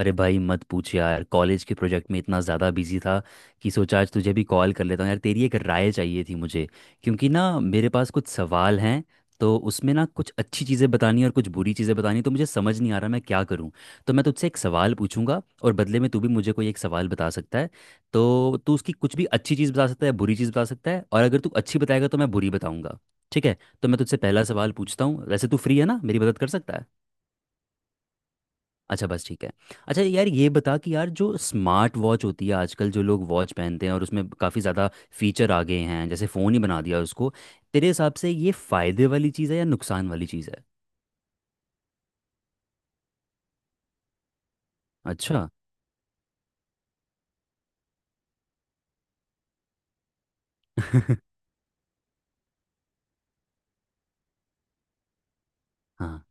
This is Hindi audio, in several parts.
अरे भाई मत पूछ यार। कॉलेज के प्रोजेक्ट में इतना ज़्यादा बिजी था कि सोचा आज तुझे भी कॉल कर लेता हूँ। यार तेरी एक राय चाहिए थी मुझे, क्योंकि ना मेरे पास कुछ सवाल हैं। तो उसमें ना कुछ अच्छी चीज़ें बतानी और कुछ बुरी चीज़ें बतानी, तो मुझे समझ नहीं आ रहा मैं क्या करूँ। तो मैं तुझसे एक सवाल पूछूंगा और बदले में तू भी मुझे कोई एक सवाल बता सकता है। तो तू उसकी कुछ भी अच्छी चीज़ बता सकता है, बुरी चीज़ बता सकता है, और अगर तू अच्छी बताएगा तो मैं बुरी बताऊंगा। ठीक है। तो मैं तुझसे पहला सवाल पूछता हूँ। वैसे तू फ्री है ना? मेरी मदद कर सकता है? अच्छा बस, ठीक है। अच्छा यार, ये बता कि यार जो स्मार्ट वॉच होती है आजकल, जो लोग वॉच पहनते हैं और उसमें काफ़ी ज़्यादा फीचर आ गए हैं, जैसे फ़ोन ही बना दिया उसको। तेरे हिसाब से ये फ़ायदे वाली चीज़ है या नुकसान वाली चीज़ है? अच्छा। हाँ।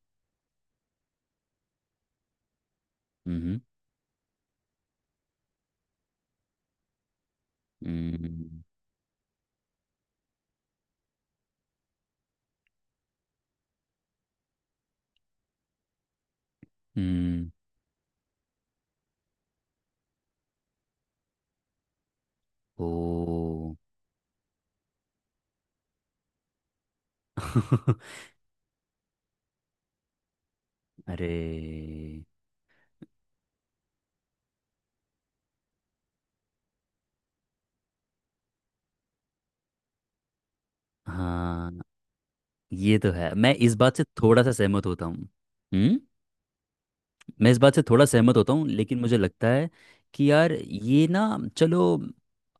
हम्म हम्म हम्म, ओ। अरे। हाँ, ये तो है, मैं इस बात से थोड़ा सा सहमत होता हूँ। हम्म? मैं इस बात से थोड़ा सहमत होता हूँ, लेकिन मुझे लगता है कि यार ये ना, चलो,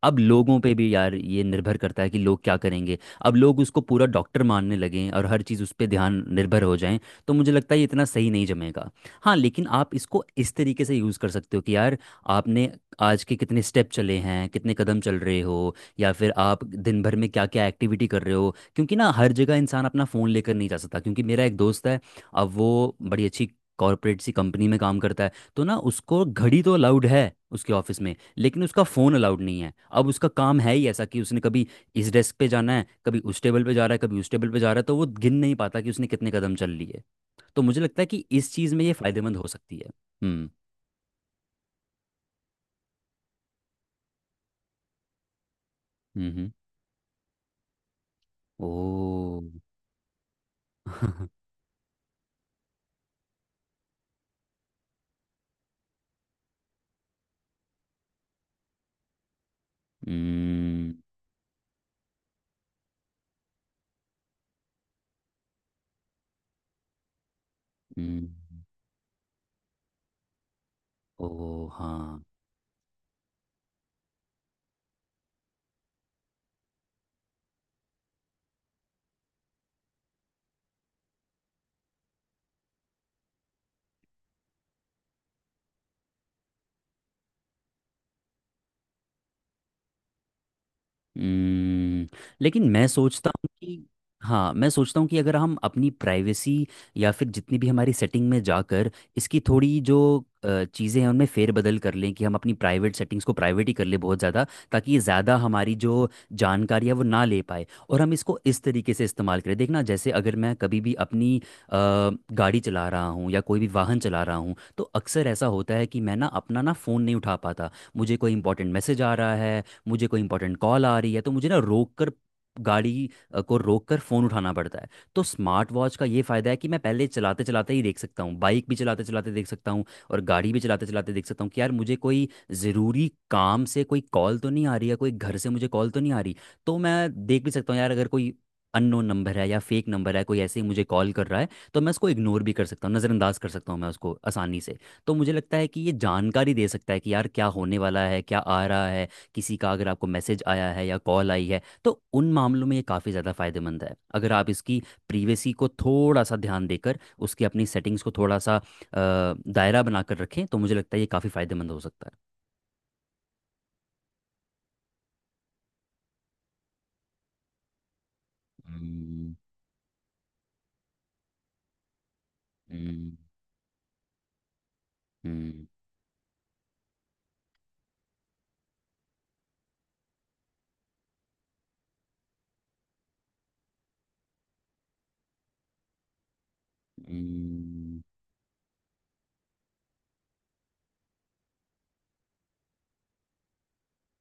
अब लोगों पे भी यार ये निर्भर करता है कि लोग क्या करेंगे। अब लोग उसको पूरा डॉक्टर मानने लगे और हर चीज़ उस पर ध्यान निर्भर हो जाएं, तो मुझे लगता है ये इतना सही नहीं जमेगा। हाँ, लेकिन आप इसको इस तरीके से यूज़ कर सकते हो कि यार आपने आज के कितने स्टेप चले हैं, कितने कदम चल रहे हो, या फिर आप दिन भर में क्या क्या एक्टिविटी कर रहे हो, क्योंकि ना हर जगह इंसान अपना फ़ोन लेकर नहीं जा सकता। क्योंकि मेरा एक दोस्त है, अब वो बड़ी अच्छी कॉर्पोरेट सी कंपनी में काम करता है, तो ना उसको घड़ी तो अलाउड है उसके ऑफिस में, लेकिन उसका फ़ोन अलाउड नहीं है। अब उसका काम है ही ऐसा कि उसने कभी इस डेस्क पे जाना है, कभी उस टेबल पे जा रहा है, कभी उस टेबल पे जा रहा है, तो वो गिन नहीं पाता कि उसने कितने कदम चल लिए। तो मुझे लगता है कि इस चीज़ में ये फ़ायदेमंद हो सकती है। हम्म हम्म। ओ। हम्म हम्म, ओ। हाँ। हम्म, लेकिन मैं सोचता हूँ कि हाँ, मैं सोचता हूँ कि अगर हम अपनी प्राइवेसी या फिर जितनी भी हमारी सेटिंग में जाकर इसकी थोड़ी जो चीज़ें हैं उनमें फेरबदल कर लें, कि हम अपनी प्राइवेट सेटिंग्स को प्राइवेट ही कर लें बहुत ज़्यादा, ताकि ये ज़्यादा हमारी जो जानकारी है वो ना ले पाए, और हम इसको इस तरीके से इस्तेमाल करें। देखना, जैसे अगर मैं कभी भी अपनी गाड़ी चला रहा हूँ या कोई भी वाहन चला रहा हूँ, तो अक्सर ऐसा होता है कि मैं ना अपना ना फ़ोन नहीं उठा पाता। मुझे कोई इंपॉर्टेंट मैसेज आ रहा है, मुझे कोई इंपॉर्टेंट कॉल आ रही है, तो मुझे ना रोक कर गाड़ी को रोक कर फ़ोन उठाना पड़ता है। तो स्मार्ट वॉच का ये फ़ायदा है कि मैं पहले चलाते चलाते ही देख सकता हूँ, बाइक भी चलाते चलाते देख सकता हूँ और गाड़ी भी चलाते चलाते देख सकता हूँ कि यार मुझे कोई ज़रूरी काम से कोई कॉल तो नहीं आ रही है, कोई घर से मुझे कॉल तो नहीं आ रही। तो मैं देख भी सकता हूँ यार अगर कोई अननोन नंबर है या फेक नंबर है, कोई ऐसे ही मुझे कॉल कर रहा है, तो मैं उसको इग्नोर भी कर सकता हूँ, नज़रअंदाज कर सकता हूँ मैं उसको आसानी से। तो मुझे लगता है कि ये जानकारी दे सकता है कि यार क्या होने वाला है, क्या आ रहा है। किसी का अगर आपको मैसेज आया है या कॉल आई है, तो उन मामलों में ये काफ़ी ज़्यादा फायदेमंद है। अगर आप इसकी प्रीवेसी को थोड़ा सा ध्यान देकर उसकी अपनी सेटिंग्स को थोड़ा सा दायरा बनाकर रखें, तो मुझे लगता है ये काफ़ी फायदेमंद हो सकता है। हम्म हम्म हम्म हम्म।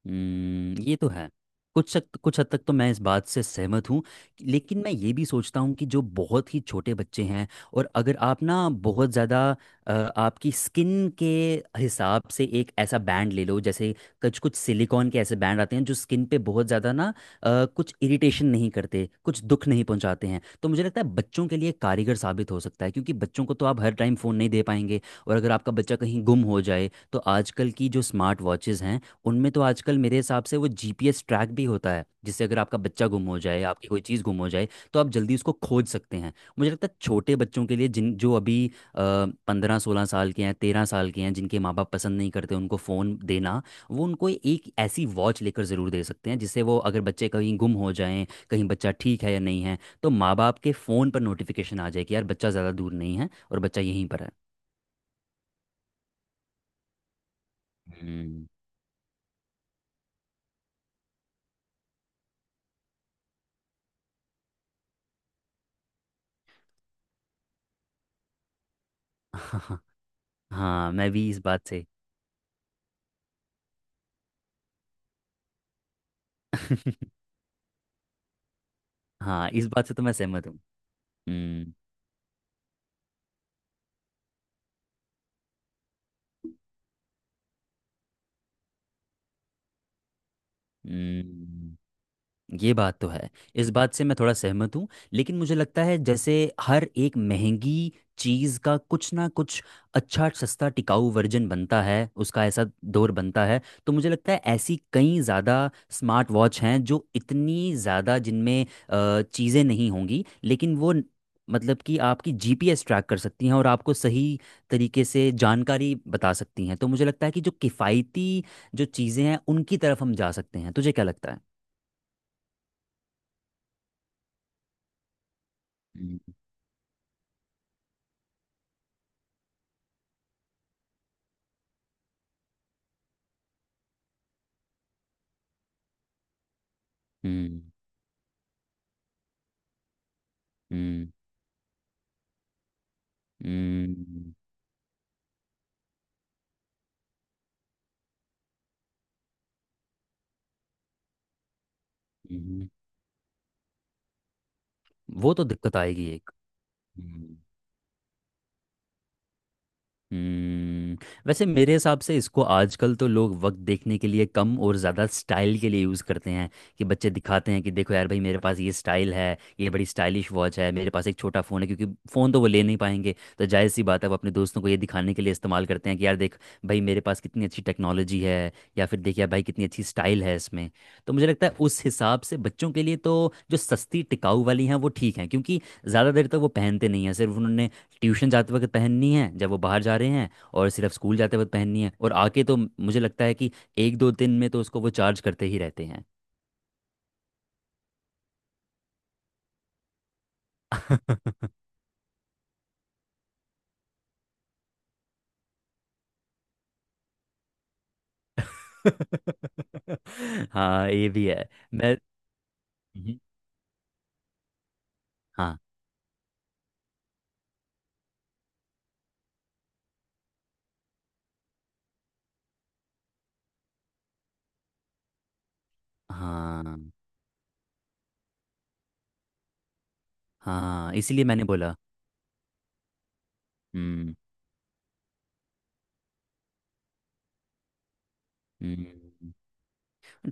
हम्म, ये तो है। कुछ हद तक तो मैं इस बात से सहमत हूँ, लेकिन मैं ये भी सोचता हूँ कि जो बहुत ही छोटे बच्चे हैं, और अगर आप ना बहुत ज़्यादा आपकी स्किन के हिसाब से एक ऐसा बैंड ले लो, जैसे कुछ कुछ सिलिकॉन के ऐसे बैंड आते हैं जो स्किन पे बहुत ज़्यादा ना कुछ इरिटेशन नहीं करते, कुछ दुख नहीं पहुंचाते हैं, तो मुझे लगता है बच्चों के लिए कारगर साबित हो सकता है, क्योंकि बच्चों को तो आप हर टाइम फ़ोन नहीं दे पाएंगे। और अगर आपका बच्चा कहीं गुम हो जाए, तो आजकल की जो स्मार्ट वॉचेज़ हैं उनमें तो आजकल मेरे हिसाब से वो जीपीएस ट्रैक भी होता है, जिससे अगर आपका बच्चा गुम हो जाए, आपकी कोई चीज़ गुम हो जाए, तो आप जल्दी उसको खोज सकते हैं। मुझे लगता है छोटे बच्चों के लिए, जिन जो अभी 15 16 साल के हैं, 13 साल के हैं, जिनके माँ बाप पसंद नहीं करते उनको फ़ोन देना, वो उनको एक ऐसी वॉच लेकर ज़रूर दे सकते हैं, जिससे वो अगर बच्चे कहीं गुम हो जाएं, कहीं बच्चा ठीक है या नहीं है, तो माँ बाप के फ़ोन पर नोटिफिकेशन आ जाए कि यार बच्चा ज़्यादा दूर नहीं है और बच्चा यहीं पर है। हम्म। हाँ, मैं भी इस बात से। हाँ, इस बात से तो मैं सहमत हूँ। हम्म हम्म, ये बात तो है। इस बात से मैं थोड़ा सहमत हूँ, लेकिन मुझे लगता है जैसे हर एक महंगी चीज़ का कुछ ना कुछ अच्छा सस्ता टिकाऊ वर्जन बनता है, उसका ऐसा दौर बनता है, तो मुझे लगता है ऐसी कई ज़्यादा स्मार्ट वॉच हैं जो इतनी ज़्यादा जिनमें चीज़ें नहीं होंगी, लेकिन वो न- मतलब कि आपकी जीपीएस ट्रैक कर सकती हैं और आपको सही तरीके से जानकारी बता सकती हैं। तो मुझे लगता है कि जो किफ़ायती जो चीज़ें हैं उनकी तरफ हम जा सकते हैं। तुझे क्या लगता है? हम्म हम्म हम्म, हम्म। वो तो दिक्कत आएगी एक। हम्म, हम्म। वैसे मेरे हिसाब से इसको आजकल तो लोग वक्त देखने के लिए कम और ज़्यादा स्टाइल के लिए यूज़ करते हैं, कि बच्चे दिखाते हैं कि देखो यार भाई मेरे पास ये स्टाइल है, ये बड़ी स्टाइलिश वॉच है मेरे पास, एक छोटा फ़ोन है, क्योंकि फ़ोन तो वो ले नहीं पाएंगे, तो जायज़ सी बात है वो अपने दोस्तों को ये दिखाने के लिए इस्तेमाल करते हैं कि यार देख भाई मेरे पास कितनी अच्छी टेक्नोलॉजी है, या फिर देख यार भाई कितनी अच्छी स्टाइल है इसमें। तो मुझे लगता है उस हिसाब से बच्चों के लिए तो जो सस्ती टिकाऊ वाली हैं वो ठीक हैं, क्योंकि ज़्यादा देर तक वो पहनते नहीं हैं, सिर्फ उन्होंने ट्यूशन जाते वक्त पहननी है जब वो बाहर जा रहे हैं, और सिर्फ स्कूल जाते वक्त पहननी है और आके, तो मुझे लगता है कि एक दो दिन में तो उसको वो चार्ज करते ही रहते हैं। हाँ, ये भी है। मैं। हम्म। हाँ हाँ हाँ, इसीलिए मैंने बोला। हम्म हम्म।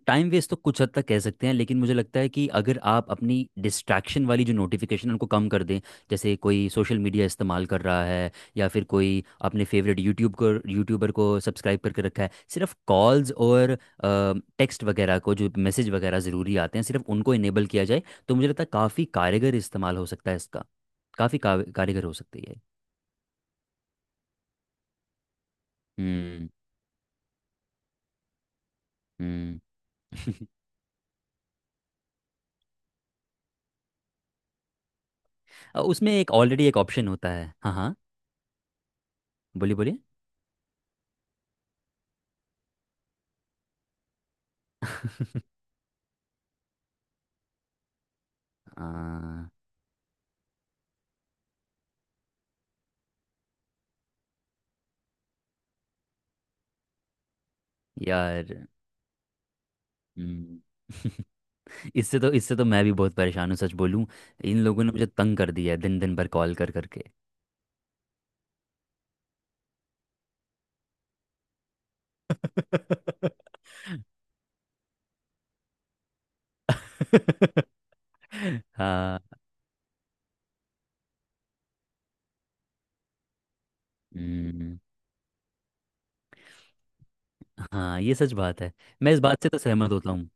टाइम वेस्ट तो कुछ हद तक कह सकते हैं, लेकिन मुझे लगता है कि अगर आप अपनी डिस्ट्रैक्शन वाली जो नोटिफिकेशन उनको कम कर दें, जैसे कोई सोशल मीडिया इस्तेमाल कर रहा है, या फिर कोई अपने फेवरेट यूट्यूब को यूट्यूबर को सब्सक्राइब करके रखा है, सिर्फ कॉल्स और टेक्स्ट वगैरह को, जो मैसेज वगैरह ज़रूरी आते हैं सिर्फ उनको इनेबल किया जाए, तो मुझे लगता है काफ़ी कारगर इस्तेमाल हो सकता है इसका। कारगर हो सकती है। हम्म हम्म। उसमें एक ऑलरेडी एक ऑप्शन होता है। हाँ हाँ, बोलिए बोलिए। आ, यार। हम्म, इससे तो, इससे तो मैं भी बहुत परेशान हूँ, सच बोलूँ। इन लोगों ने मुझे तंग कर दिया है दिन दिन भर कॉल कर करके। हाँ। हम्म, हाँ, ये सच बात है। मैं इस बात से तो सहमत होता हूँ।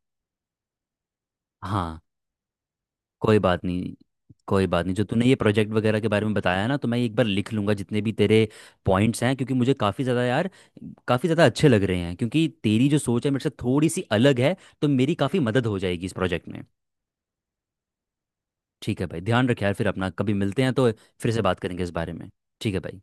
हाँ। कोई बात नहीं। कोई बात नहीं, जो तूने ये प्रोजेक्ट वगैरह के बारे में बताया ना, तो मैं एक बार लिख लूँगा जितने भी तेरे पॉइंट्स हैं, क्योंकि मुझे काफ़ी ज़्यादा यार काफ़ी ज़्यादा अच्छे लग रहे हैं, क्योंकि तेरी जो सोच है मेरे से थोड़ी सी अलग है। तो मेरी काफ़ी मदद हो जाएगी इस प्रोजेक्ट में। ठीक है भाई, ध्यान रखे यार, फिर अपना कभी मिलते हैं तो फिर से बात करेंगे इस बारे में। ठीक है भाई।